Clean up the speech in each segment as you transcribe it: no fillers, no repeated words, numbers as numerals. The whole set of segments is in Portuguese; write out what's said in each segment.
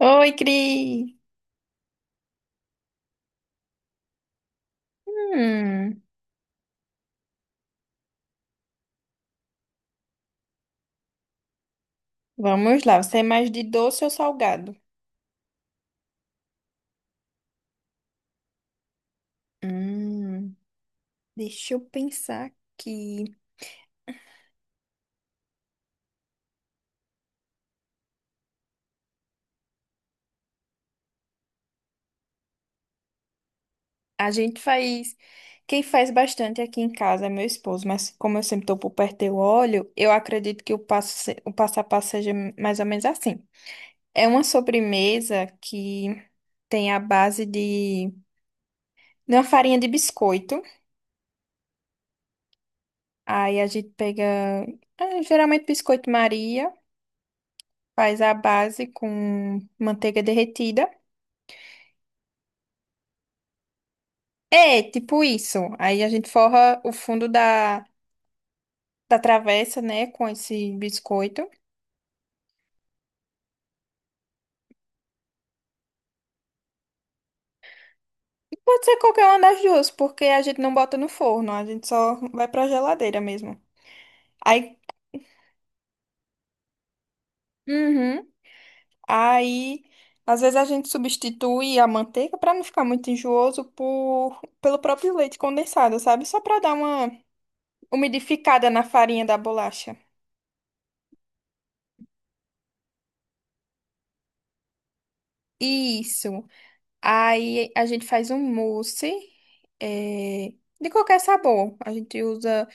Oi, Cris! Hum, Vamos lá, você é mais de doce ou salgado? Hum, Deixa eu pensar aqui. A gente faz. Quem faz bastante aqui em casa é meu esposo, mas como eu sempre tô por perto do óleo, eu acredito que o passo, o passo a passo seja mais ou menos assim. É uma sobremesa que tem a base de uma farinha de biscoito. Aí a gente pega, ah, geralmente biscoito Maria. Faz a base com manteiga derretida. É, tipo isso. Aí a gente forra o fundo da travessa, né, com esse biscoito. E pode ser qualquer uma das duas, porque a gente não bota no forno, a gente só vai pra geladeira mesmo. Aí, uhum, aí às vezes a gente substitui a manteiga pra não ficar muito enjooso pelo próprio leite condensado, sabe? Só pra dar uma umidificada na farinha da bolacha. Isso. Aí a gente faz um mousse é, de qualquer sabor. A gente usa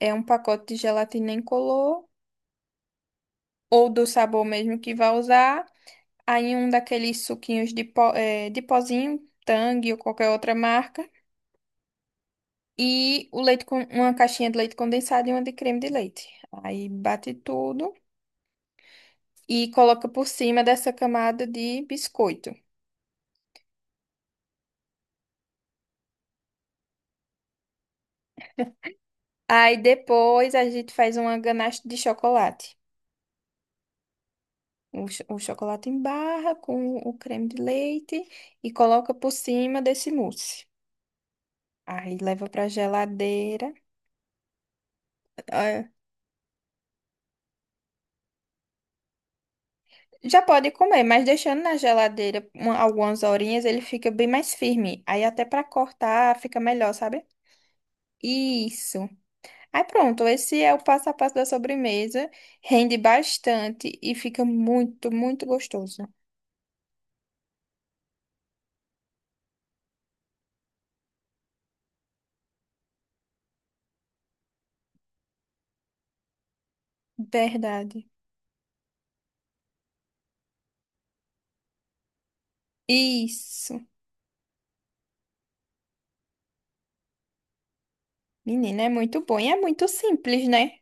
um pacote de gelatina incolor ou do sabor mesmo que vai usar. Aí um daqueles suquinhos de pozinho, Tang ou qualquer outra marca. E o leite com uma caixinha de leite condensado e uma de creme de leite. Aí bate tudo e coloca por cima dessa camada de biscoito. Aí depois a gente faz uma ganache de chocolate. O chocolate em barra com o creme de leite e coloca por cima desse mousse. Aí leva pra geladeira. Ah, já pode comer, mas deixando na geladeira algumas horinhas, ele fica bem mais firme. Aí até pra cortar fica melhor, sabe? Isso. Aí pronto, esse é o passo a passo da sobremesa. Rende bastante e fica muito, muito gostoso. Verdade. Isso. Menina, é muito bom e é muito simples, né?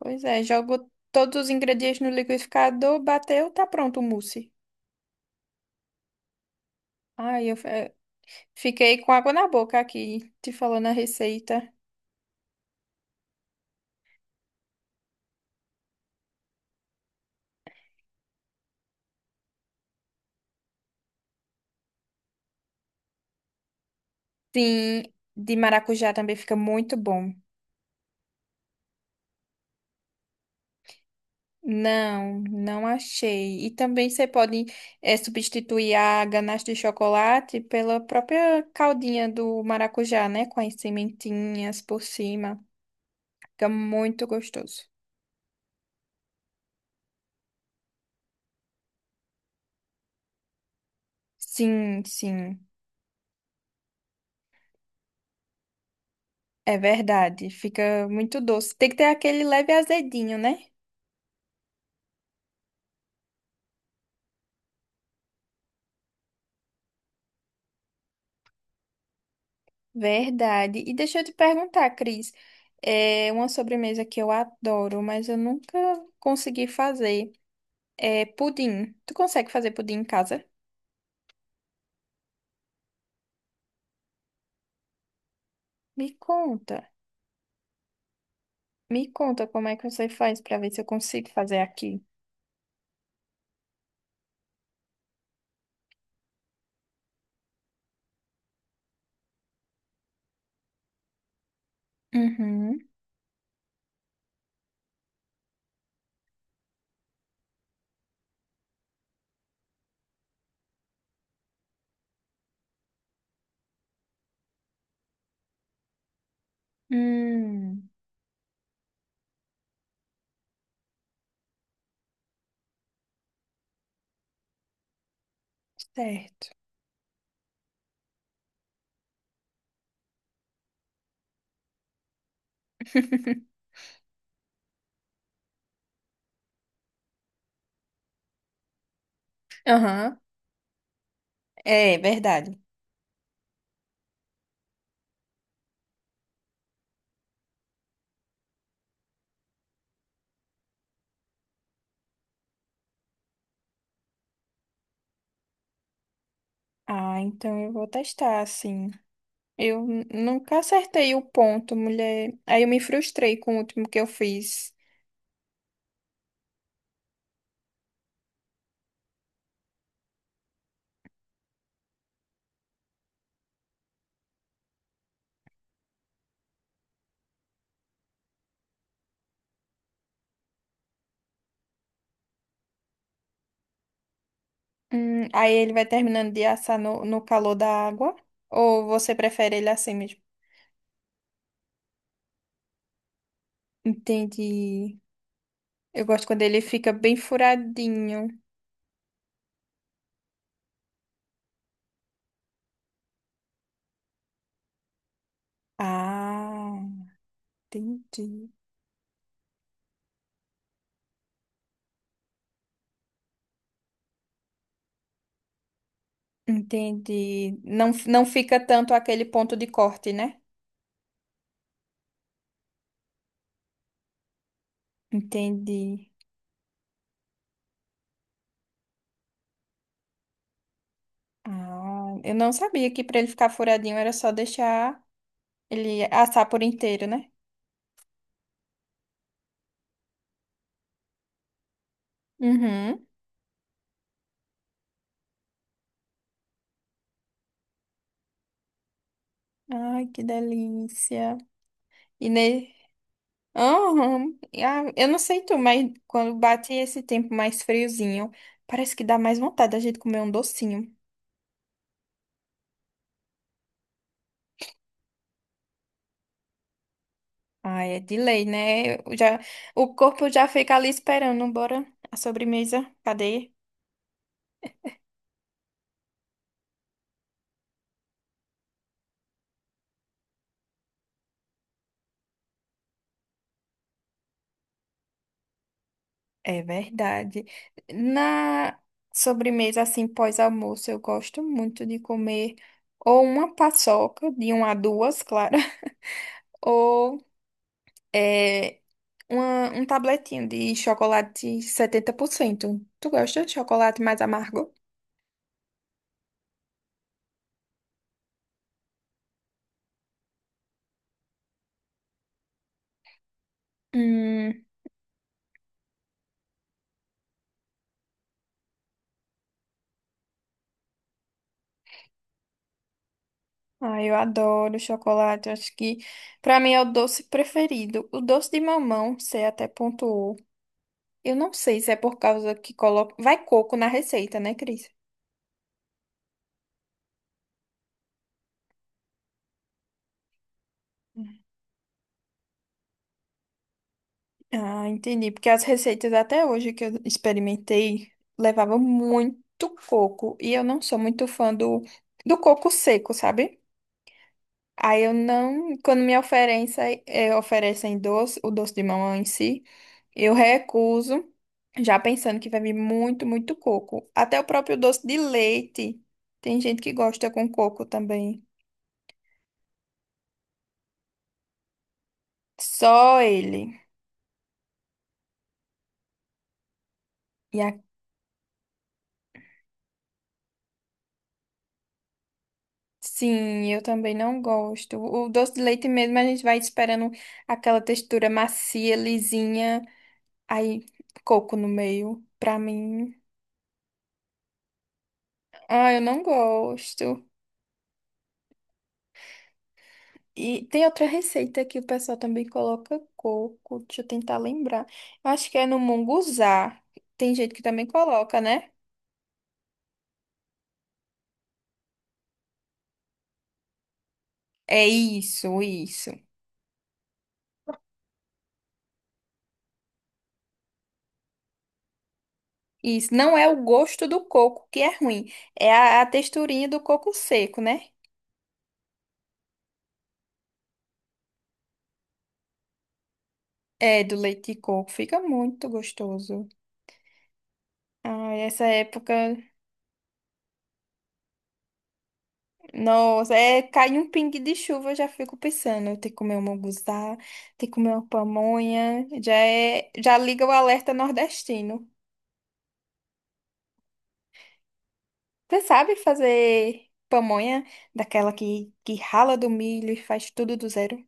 Pois é, jogo todos os ingredientes no liquidificador, bateu, tá pronto o mousse. Ai, eu f- eh, Fiquei com água na boca aqui, te falando a receita. Sim, de maracujá também fica muito bom. Não, não achei. E também você pode substituir a ganache de chocolate pela própria caldinha do maracujá, né? Com as sementinhas por cima. Fica muito gostoso. Sim, sim. É verdade, fica muito doce. Tem que ter aquele leve azedinho, né? Verdade. E deixa eu te perguntar, Cris, é uma sobremesa que eu adoro, mas eu nunca consegui fazer. É pudim. Tu consegue fazer pudim em casa? Me conta. Me conta como é que você faz para ver se eu consigo fazer aqui. Uhum. Hum, certo. Aham. É verdade. Ah, então eu vou testar, sim. Nunca acertei o ponto, mulher. Aí eu me frustrei com o último que eu fiz. Aí ele vai terminando de assar no calor da água? Ou você prefere ele assim mesmo? Entendi. Eu gosto quando ele fica bem furadinho. Ah, entendi. Entendi. Não, não fica tanto aquele ponto de corte, né? Entendi. Ah, eu não sabia que para ele ficar furadinho era só deixar ele assar por inteiro, né? Uhum. Ai, que delícia. E ne... Aham. Ah, eu não sei tu, mas quando bate esse tempo mais friozinho, parece que dá mais vontade da gente comer um docinho. Ai, é de lei, né? O corpo já fica ali esperando, bora a sobremesa. Cadê? É verdade. Na sobremesa, assim, pós-almoço, eu gosto muito de comer ou uma paçoca, de uma a duas, claro. É um tabletinho de chocolate 70%. Tu gosta de chocolate mais amargo? Hum, ai, eu adoro chocolate. Eu Acho que pra mim é o doce preferido. O doce de mamão, você até pontuou. Eu não sei se é por causa que coloca. Vai coco na receita, né, Cris? Ah, entendi. Porque as receitas até hoje que eu experimentei levavam muito coco. E eu não sou muito fã do coco seco, sabe? Aí eu não, quando me oferecem, oferecem doce, o doce de mamão em si, eu recuso, já pensando que vai vir muito, muito coco. Até o próprio doce de leite. Tem gente que gosta com coco também. Só ele. E a- sim, eu também não gosto. O doce de leite mesmo, a gente vai esperando aquela textura macia, lisinha, aí coco no meio. Pra mim, ah, eu não gosto. E tem outra receita que o pessoal também coloca coco. Deixa eu tentar lembrar. Eu acho que é no munguzá. Tem gente que também coloca, né? É isso, isso. Isso. Não é o gosto do coco que é ruim. É a texturinha do coco seco, né? É, do leite de coco. Fica muito gostoso. Ai, essa época. Nossa, é, cai um pingue de chuva, eu já fico pensando. Eu tenho que comer um munguzá, tenho que comer uma pamonha. Já é, já liga o alerta nordestino. Você sabe fazer pamonha daquela que rala do milho e faz tudo do zero?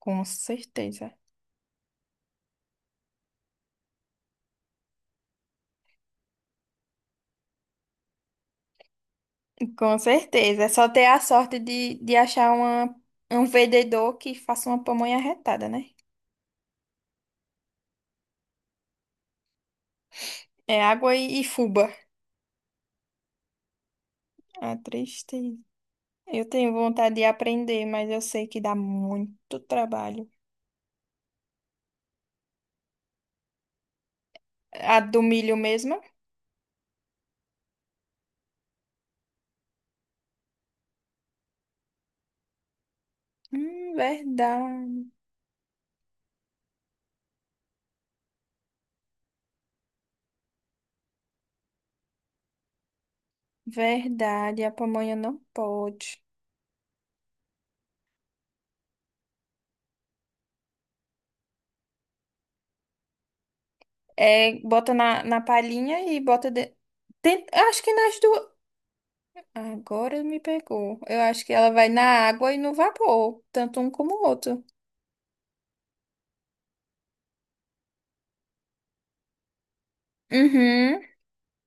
Com certeza. Com certeza. É só ter a sorte de achar um vendedor que faça uma pamonha retada, né? É água e fubá. É triste. Eu tenho vontade de aprender, mas eu sei que dá muito trabalho. A do milho mesmo? Verdade. Verdade. A pamonha não pode. É, bota na palhinha e bota. Tem- eu Acho que nas duas. Agora me pegou. Eu acho que ela vai na água e no vapor, tanto um como o outro. Uhum,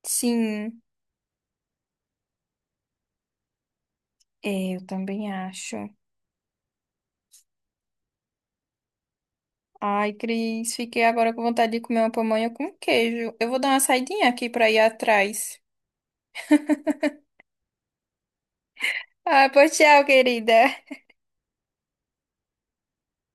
sim. É, eu também acho. Ai, Cris, fiquei agora com vontade de comer uma pamonha com queijo. Eu vou dar uma saidinha aqui pra ir atrás. Ah, pois tchau, querida.